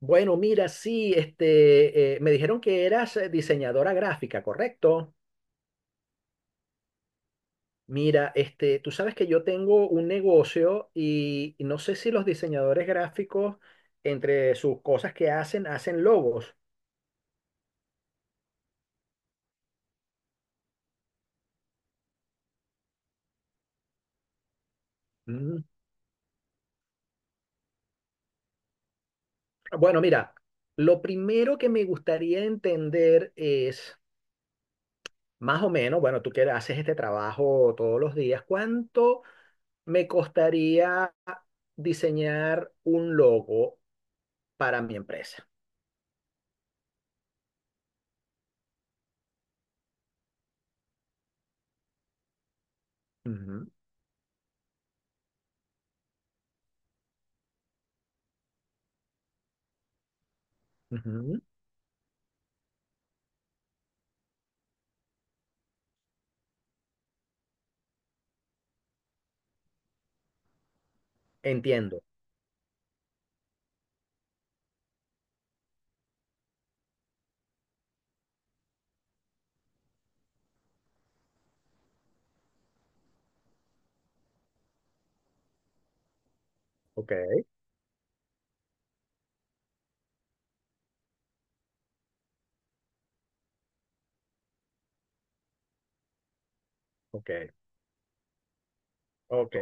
Bueno, mira, sí, me dijeron que eras diseñadora gráfica, ¿correcto? Mira, tú sabes que yo tengo un negocio y no sé si los diseñadores gráficos, entre sus cosas que hacen, hacen logos. Mm. Bueno, mira, lo primero que me gustaría entender es, más o menos, bueno, tú que haces este trabajo todos los días, ¿cuánto me costaría diseñar un logo para mi empresa? Ujú. Ujú. Entiendo. Ok, ok, ok.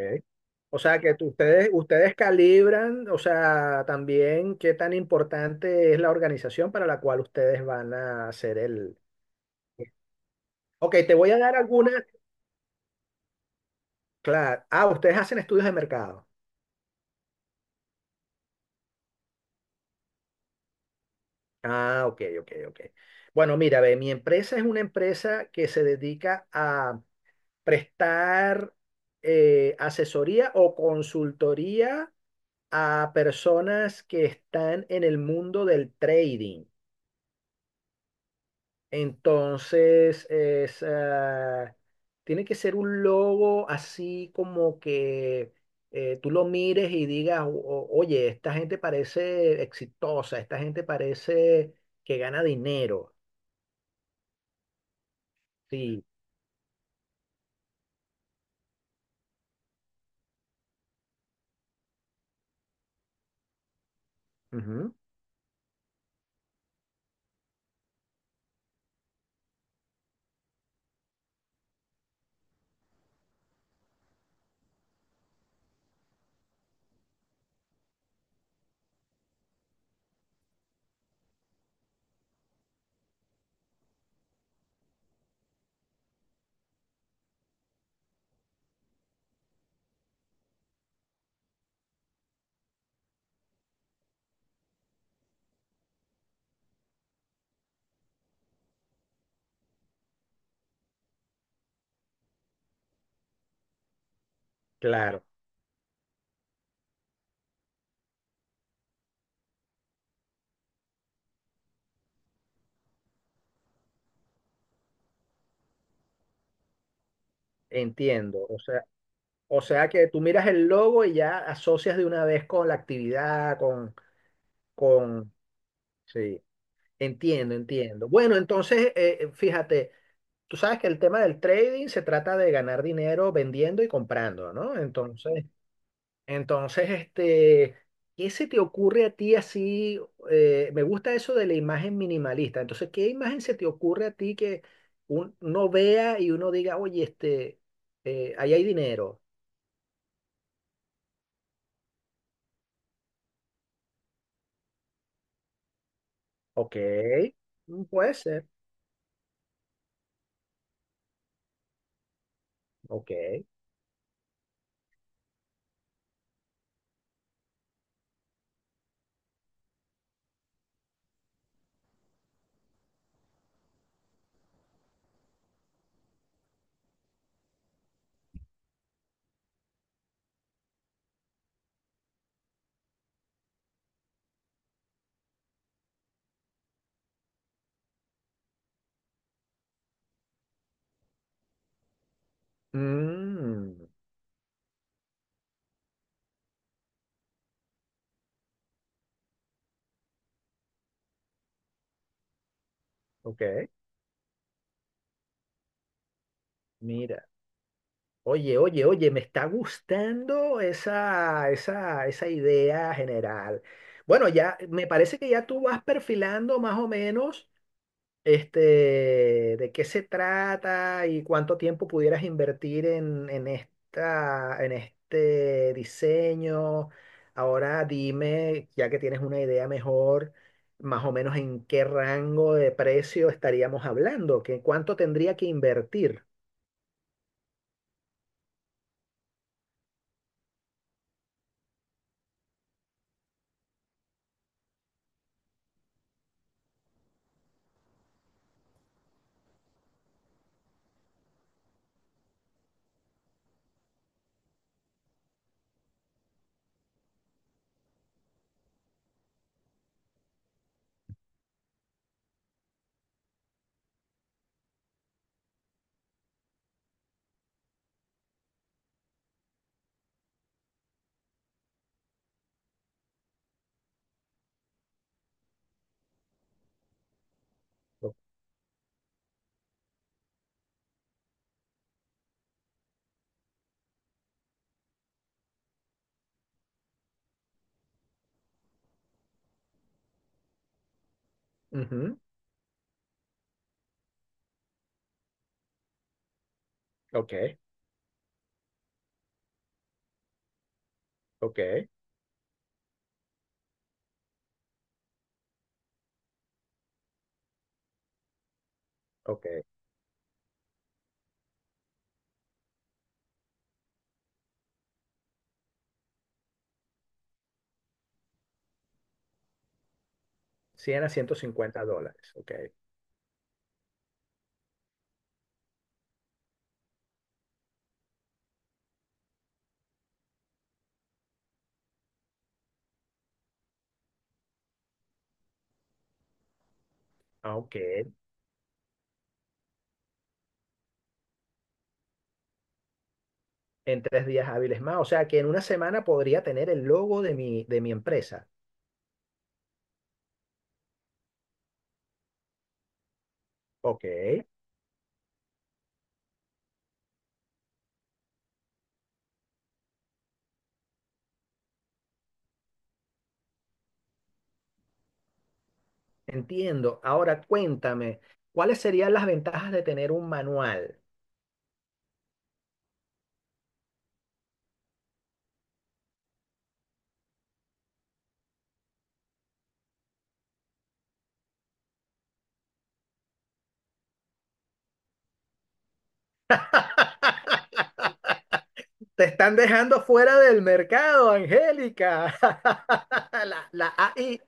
O sea que ustedes calibran, o sea, también qué tan importante es la organización para la cual ustedes van a hacer el... Ok, te voy a dar algunas. Claro. Ah, ustedes hacen estudios de mercado. Ah, ok, ok, ok. Bueno, mira, ve, mi empresa es una empresa que se dedica a prestar asesoría o consultoría a personas que están en el mundo del trading. Entonces, es, ah, tiene que ser un logo así como que tú lo mires y digas, "Oye, esta gente parece exitosa, esta gente parece que gana dinero." Sí, ujú, claro, entiendo. O sea que tú miras el logo y ya asocias de una vez con la actividad, con, sí. Entiendo, entiendo. Bueno, entonces, fíjate, tú sabes que el tema del trading se trata de ganar dinero vendiendo y comprando, ¿no? Entonces, ¿qué se te ocurre a ti así? Me gusta eso de la imagen minimalista. Entonces, ¿qué imagen se te ocurre a ti que uno vea y uno diga, oye, ahí hay dinero? Ok, mm, puede ser, ok. Mm, ok, mira. Oye, me está gustando esa idea general. Bueno, ya me parece que ya tú vas perfilando más o menos este, de qué se trata y cuánto tiempo pudieras invertir en esta, en este diseño. Ahora dime, ya que tienes una idea mejor, más o menos en qué rango de precio estaríamos hablando, que cuánto tendría que invertir. Ujú. Ok, ok. Ok. 100 a 150 dólares. Ok. Aunque en 3 días hábiles más. O sea que en una semana podría tener el logo de mi empresa. Ok. Entiendo. Ahora cuéntame, ¿cuáles serían las ventajas de tener un manual? Te están dejando fuera del mercado, Angélica. La AI.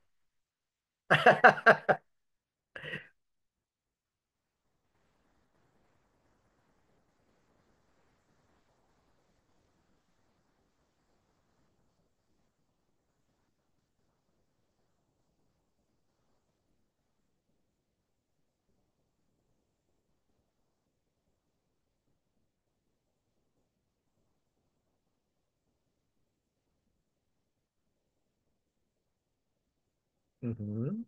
Ujú.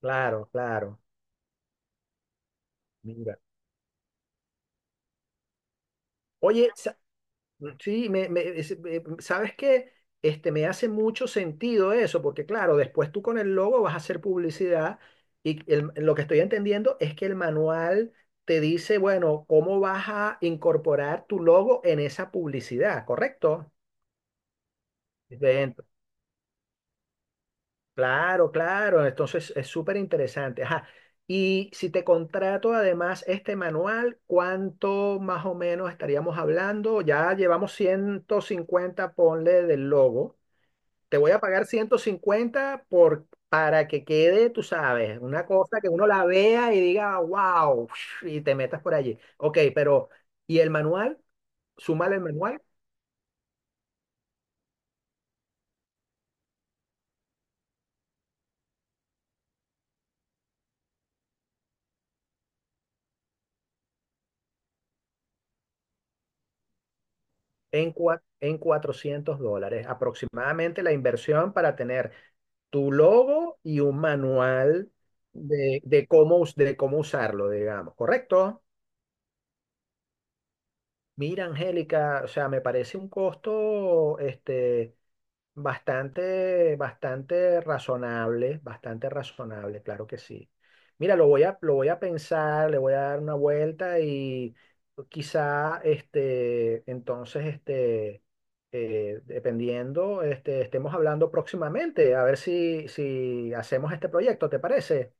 Claro, claro. Mira. Oye, sí, sabes que me hace mucho sentido eso, porque claro, después tú con el logo vas a hacer publicidad y lo que estoy entendiendo es que el manual te dice, bueno, cómo vas a incorporar tu logo en esa publicidad, ¿correcto? Dentro. Claro, claro, entonces es súper interesante. Ajá. Y si te contrato además este manual, ¿cuánto más o menos estaríamos hablando? Ya llevamos 150 ponle del logo. Te voy a pagar 150 por, para que quede, tú sabes, una cosa que uno la vea y diga, wow, y te metas por allí. Ok, pero, ¿y el manual? Súmale el manual en, en 400 dólares, aproximadamente la inversión para tener tu logo y un manual de cómo, de cómo usarlo, digamos, ¿correcto? Mira, Angélica, o sea, me parece un costo, este. Bastante, bastante razonable, claro que sí. Mira, lo voy a pensar, le voy a dar una vuelta y quizá, dependiendo, estemos hablando próximamente, a ver si, si hacemos este proyecto, ¿te parece?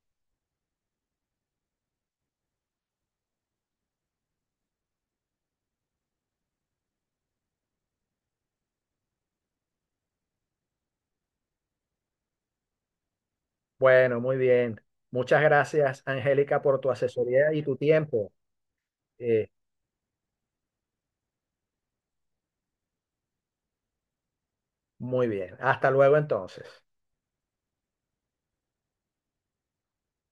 Bueno, muy bien. Muchas gracias, Angélica, por tu asesoría y tu tiempo. Eh, muy bien. Hasta luego, entonces.